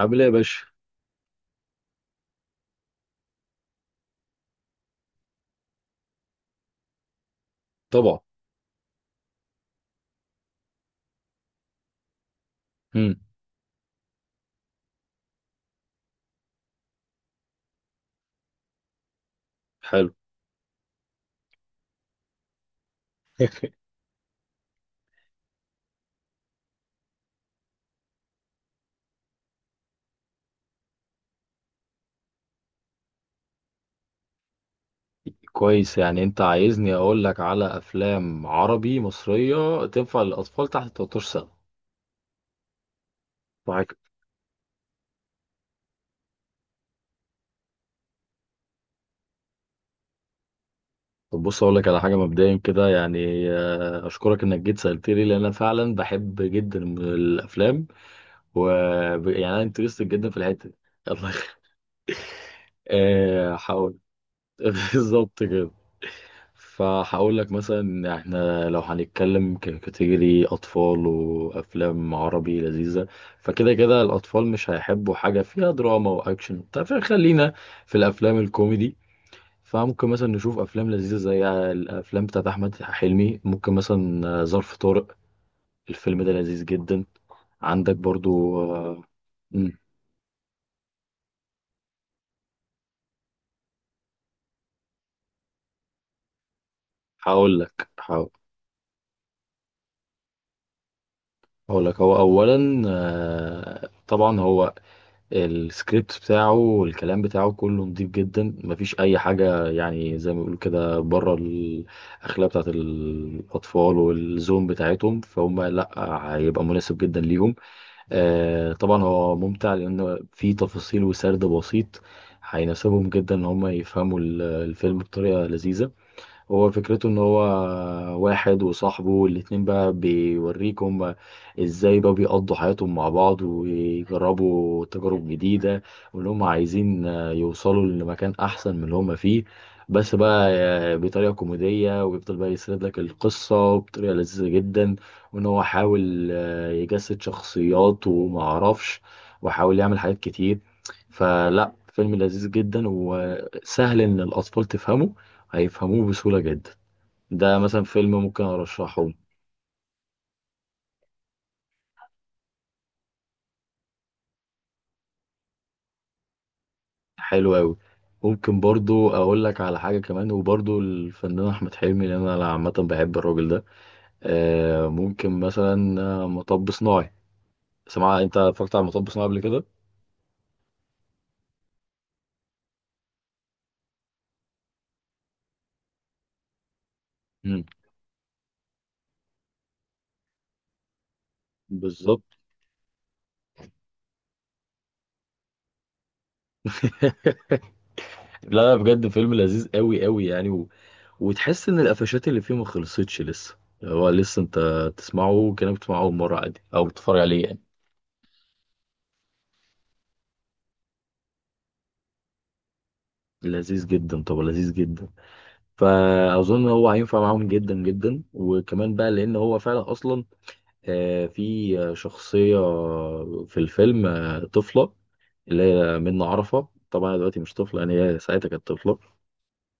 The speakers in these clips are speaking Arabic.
عامل ايه يا باشا؟ طبعا. امم. حلو. كويس، يعني انت عايزني اقول لك على افلام عربي مصريه تنفع للاطفال تحت 13 سنه؟ معاك. طب بص اقول لك على حاجه مبدئيا كده، يعني اشكرك انك جيت سالت لي لان انا فعلا بحب جدا الافلام و يعني انا انترستد جدا في الحته دي. يلا حاول. بالظبط كده. فهقول لك مثلا إن احنا لو هنتكلم ككاتيجوري اطفال وافلام عربي لذيذه، فكده كده الاطفال مش هيحبوا حاجه فيها دراما واكشن وبتاع، فخلينا في الافلام الكوميدي. فممكن مثلا نشوف افلام لذيذه زي الافلام بتاعت احمد حلمي. ممكن مثلا ظرف طارق. الفيلم ده لذيذ جدا. عندك برضو مم، هقول هقول لك هو اولا، طبعا هو السكريبت بتاعه والكلام بتاعه كله نضيف جدا، مفيش اي حاجه يعني زي ما بيقولوا كده بره الاخلاق بتاعت الاطفال والزوم بتاعتهم، فهم لا، هيبقى مناسب جدا ليهم. آه طبعا هو ممتع لان في تفاصيل وسرد بسيط هيناسبهم جدا، ان هم يفهموا الفيلم بطريقه لذيذه. هو فكرته ان هو واحد وصاحبه، والاتنين بقى بيوريك هما ازاي بقى بيقضوا حياتهم مع بعض ويجربوا تجارب جديدة، وان هما عايزين يوصلوا لمكان احسن من اللي هما فيه. بس بقى بطريقة كوميدية، ويفضل بقى يسرد لك القصة بطريقة لذيذة جدا، وان هو حاول يجسد شخصيات ومعرفش، وحاول يعمل حاجات كتير. فلا، فيلم لذيذ جدا وسهل ان الاطفال تفهمه، هيفهموه بسهولة جدا. ده مثلا فيلم ممكن ارشحه. حلو قوي. ممكن برضو اقول لك على حاجة كمان، وبرضو الفنان احمد حلمي لان انا عامة بحب الراجل ده. آه ممكن مثلا مطب صناعي. سمع، انت اتفرجت على مطب صناعي قبل كده؟ مم. بالظبط. لا لا، بجد فيلم لذيذ قوي قوي يعني و وتحس ان القفشات اللي فيه ما خلصتش لسه. هو لسه انت تسمعه كأنك بتسمعه اول مرة عادي، او بتتفرج عليه يعني. لذيذ جدا، طب لذيذ جدا. فاظن هو هينفع معاهم جدا جدا. وكمان بقى لان هو فعلا اصلا، في شخصيه في الفيلم، طفله، اللي هي منة عرفه، طبعا دلوقتي مش طفله يعني، هي ساعتها كانت طفله.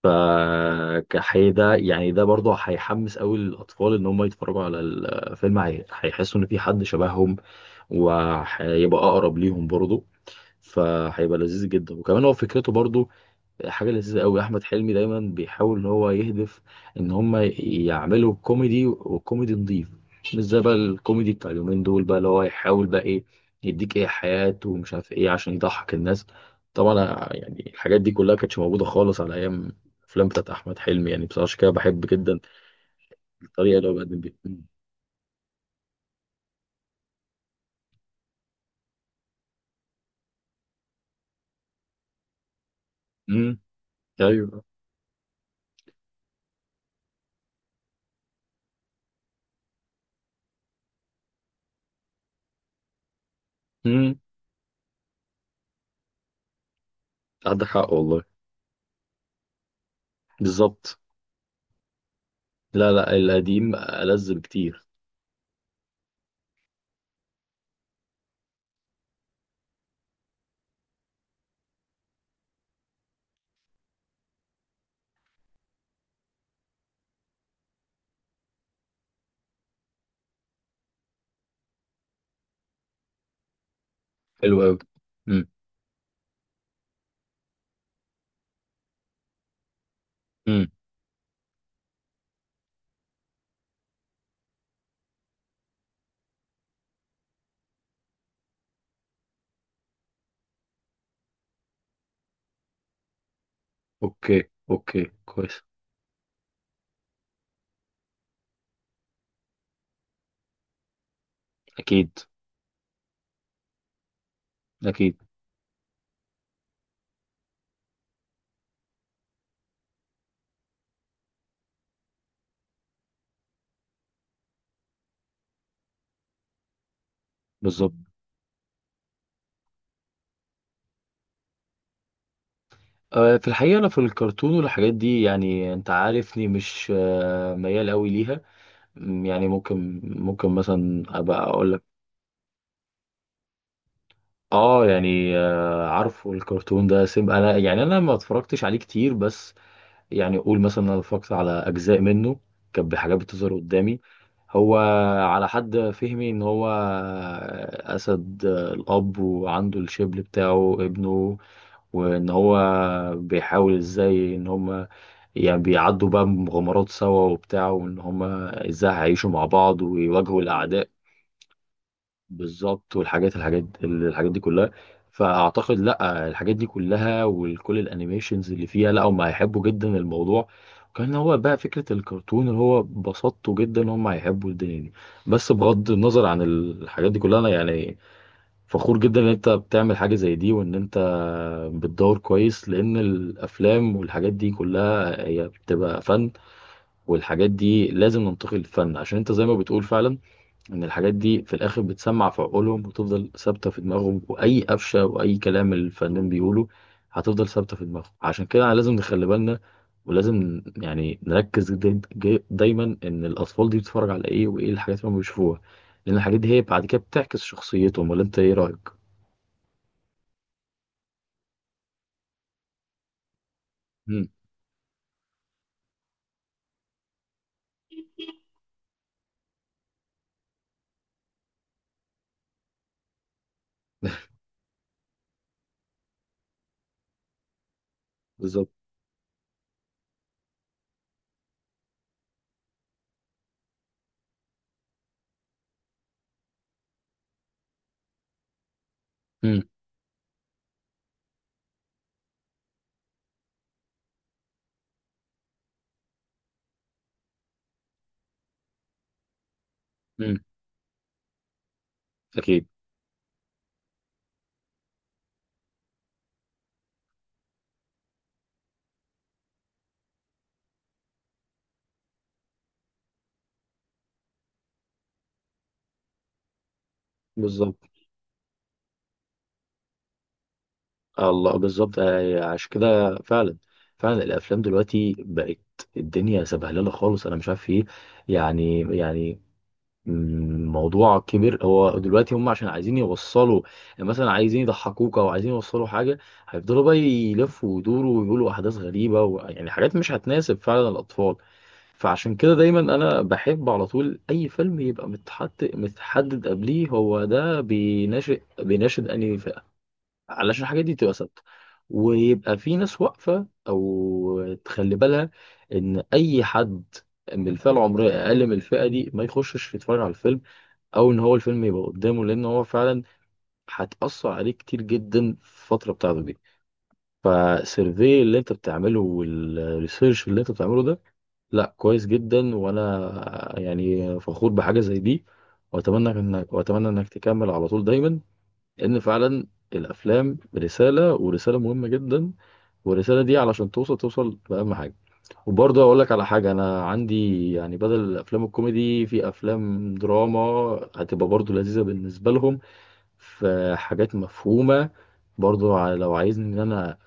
فكحي ده يعني ده برضه هيحمس قوي الاطفال ان هم يتفرجوا على الفيلم، هيحسوا ان في حد شبههم، وهيبقى اقرب ليهم برضه. فهيبقى لذيذ جدا. وكمان هو فكرته برضه حاجة لذيذة قوي. أحمد حلمي دايما بيحاول إن هو يهدف، إن هما يعملوا كوميدي، وكوميدي نظيف. مش زي بقى الكوميدي بتاع اليومين دول بقى، اللي هو يحاول بقى إيه، يديك إيه حياة ومش عارف إيه، عشان يضحك الناس. طبعا يعني الحاجات دي كلها كانتش موجودة خالص على أيام الأفلام بتاعت أحمد حلمي، يعني بصراحة عشان كده بحب جدا الطريقة اللي هو بيقدم بيها. أمم. أيوه. أمم. عندك حق والله. بالظبط. لا لا، القديم ألذ بكتير. حلو قوي. اوكي اوكي، كويس. اكيد، اكيد. بالظبط. في الحقيقه انا في الكرتون والحاجات دي يعني انت عارفني مش ميال قوي ليها. يعني ممكن مثلا ابقى اقول لك. اه يعني، عارفه الكرتون ده سيم، انا يعني انا ما اتفرجتش عليه كتير، بس يعني اقول مثلا انا اتفرجت على اجزاء منه كانت بحاجات بتظهر قدامي. هو على حد فهمي ان هو اسد، الاب، وعنده الشبل بتاعه ابنه، وان هو بيحاول ازاي ان هم يعني بيعدوا بقى مغامرات سوا وبتاع، وان هم ازاي هيعيشوا مع بعض ويواجهوا الاعداء. بالظبط. والحاجات الحاجات الحاجات دي كلها، فاعتقد لا، الحاجات دي كلها وكل الانيميشنز اللي فيها، لا هم هيحبوا جدا الموضوع. كان هو بقى فكرة الكرتون اللي هو بسطته جدا، هم هيحبوا الدنيا دي. بس بغض النظر عن الحاجات دي كلها، انا يعني فخور جدا ان انت بتعمل حاجة زي دي، وان انت بتدور كويس. لان الافلام والحاجات دي كلها هي بتبقى فن، والحاجات دي لازم ننتقل للفن. عشان انت زي ما بتقول فعلا ان الحاجات دي في الاخر بتسمع في عقولهم وتفضل ثابتة في دماغهم، واي قفشة واي كلام الفنان بيقوله هتفضل ثابتة في دماغهم. عشان كده لازم نخلي بالنا، ولازم يعني نركز دايما ان الاطفال دي بتتفرج على ايه، وايه الحاجات اللي هم بيشوفوها، لان الحاجات دي هي بعد كده بتعكس شخصيتهم. ولا انت ايه رأيك؟ بالظبط. امم. امم. اكيد. بالظبط. الله، بالظبط. عشان كده فعلا، فعلا الافلام دلوقتي بقت الدنيا سبهلله خالص. انا مش عارف ايه، يعني الموضوع كبير. هو دلوقتي هم عشان عايزين يوصلوا، يعني مثلا عايزين يضحكوك او عايزين يوصلوا حاجه، هيفضلوا بقى يلفوا ويدوروا ويقولوا احداث غريبه، ويعني حاجات مش هتناسب فعلا الاطفال. فعشان كده دايما انا بحب على طول اي فيلم يبقى متحط متحدد قبليه هو ده بيناشد انهي، علشان الحاجات دي تبقى ثابته، ويبقى في ناس واقفه او تخلي بالها ان اي حد من الفئه العمريه اقل من الفئه دي ما يخشش يتفرج على الفيلم، او ان هو الفيلم يبقى قدامه، لان هو فعلا هتاثر عليه كتير جدا في الفتره بتاعته دي. فالسيرفي اللي انت بتعمله، والريسيرش اللي انت بتعمله ده، لا كويس جدا، وانا يعني فخور بحاجه زي دي. واتمنى انك تكمل على طول دايما، لان فعلا الافلام رساله، ورساله مهمه جدا، والرساله دي علشان توصل، توصل باهم حاجه. وبرضه اقول لك على حاجه، انا عندي يعني بدل الافلام الكوميدي في افلام دراما هتبقى برضه لذيذه بالنسبه لهم، في حاجات مفهومه برضه. لو عايزني ان انا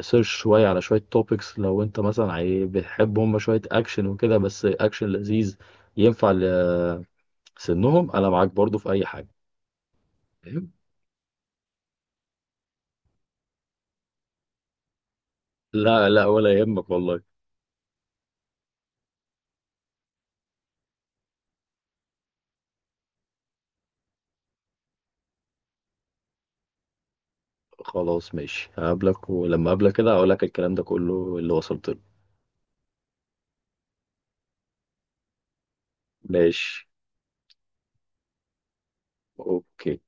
سيرش شويه على شويه توبكس، لو انت مثلا بتحب هم شويه اكشن وكده، بس اكشن لذيذ ينفع لسنهم، انا معاك برضه في اي حاجه. فاهم؟ لا لا، ولا يهمك والله. خلاص ماشي، هقابلك، ولما اقابلك كده هقول لك الكلام ده كله اللي وصلت له. ماشي. اوكي.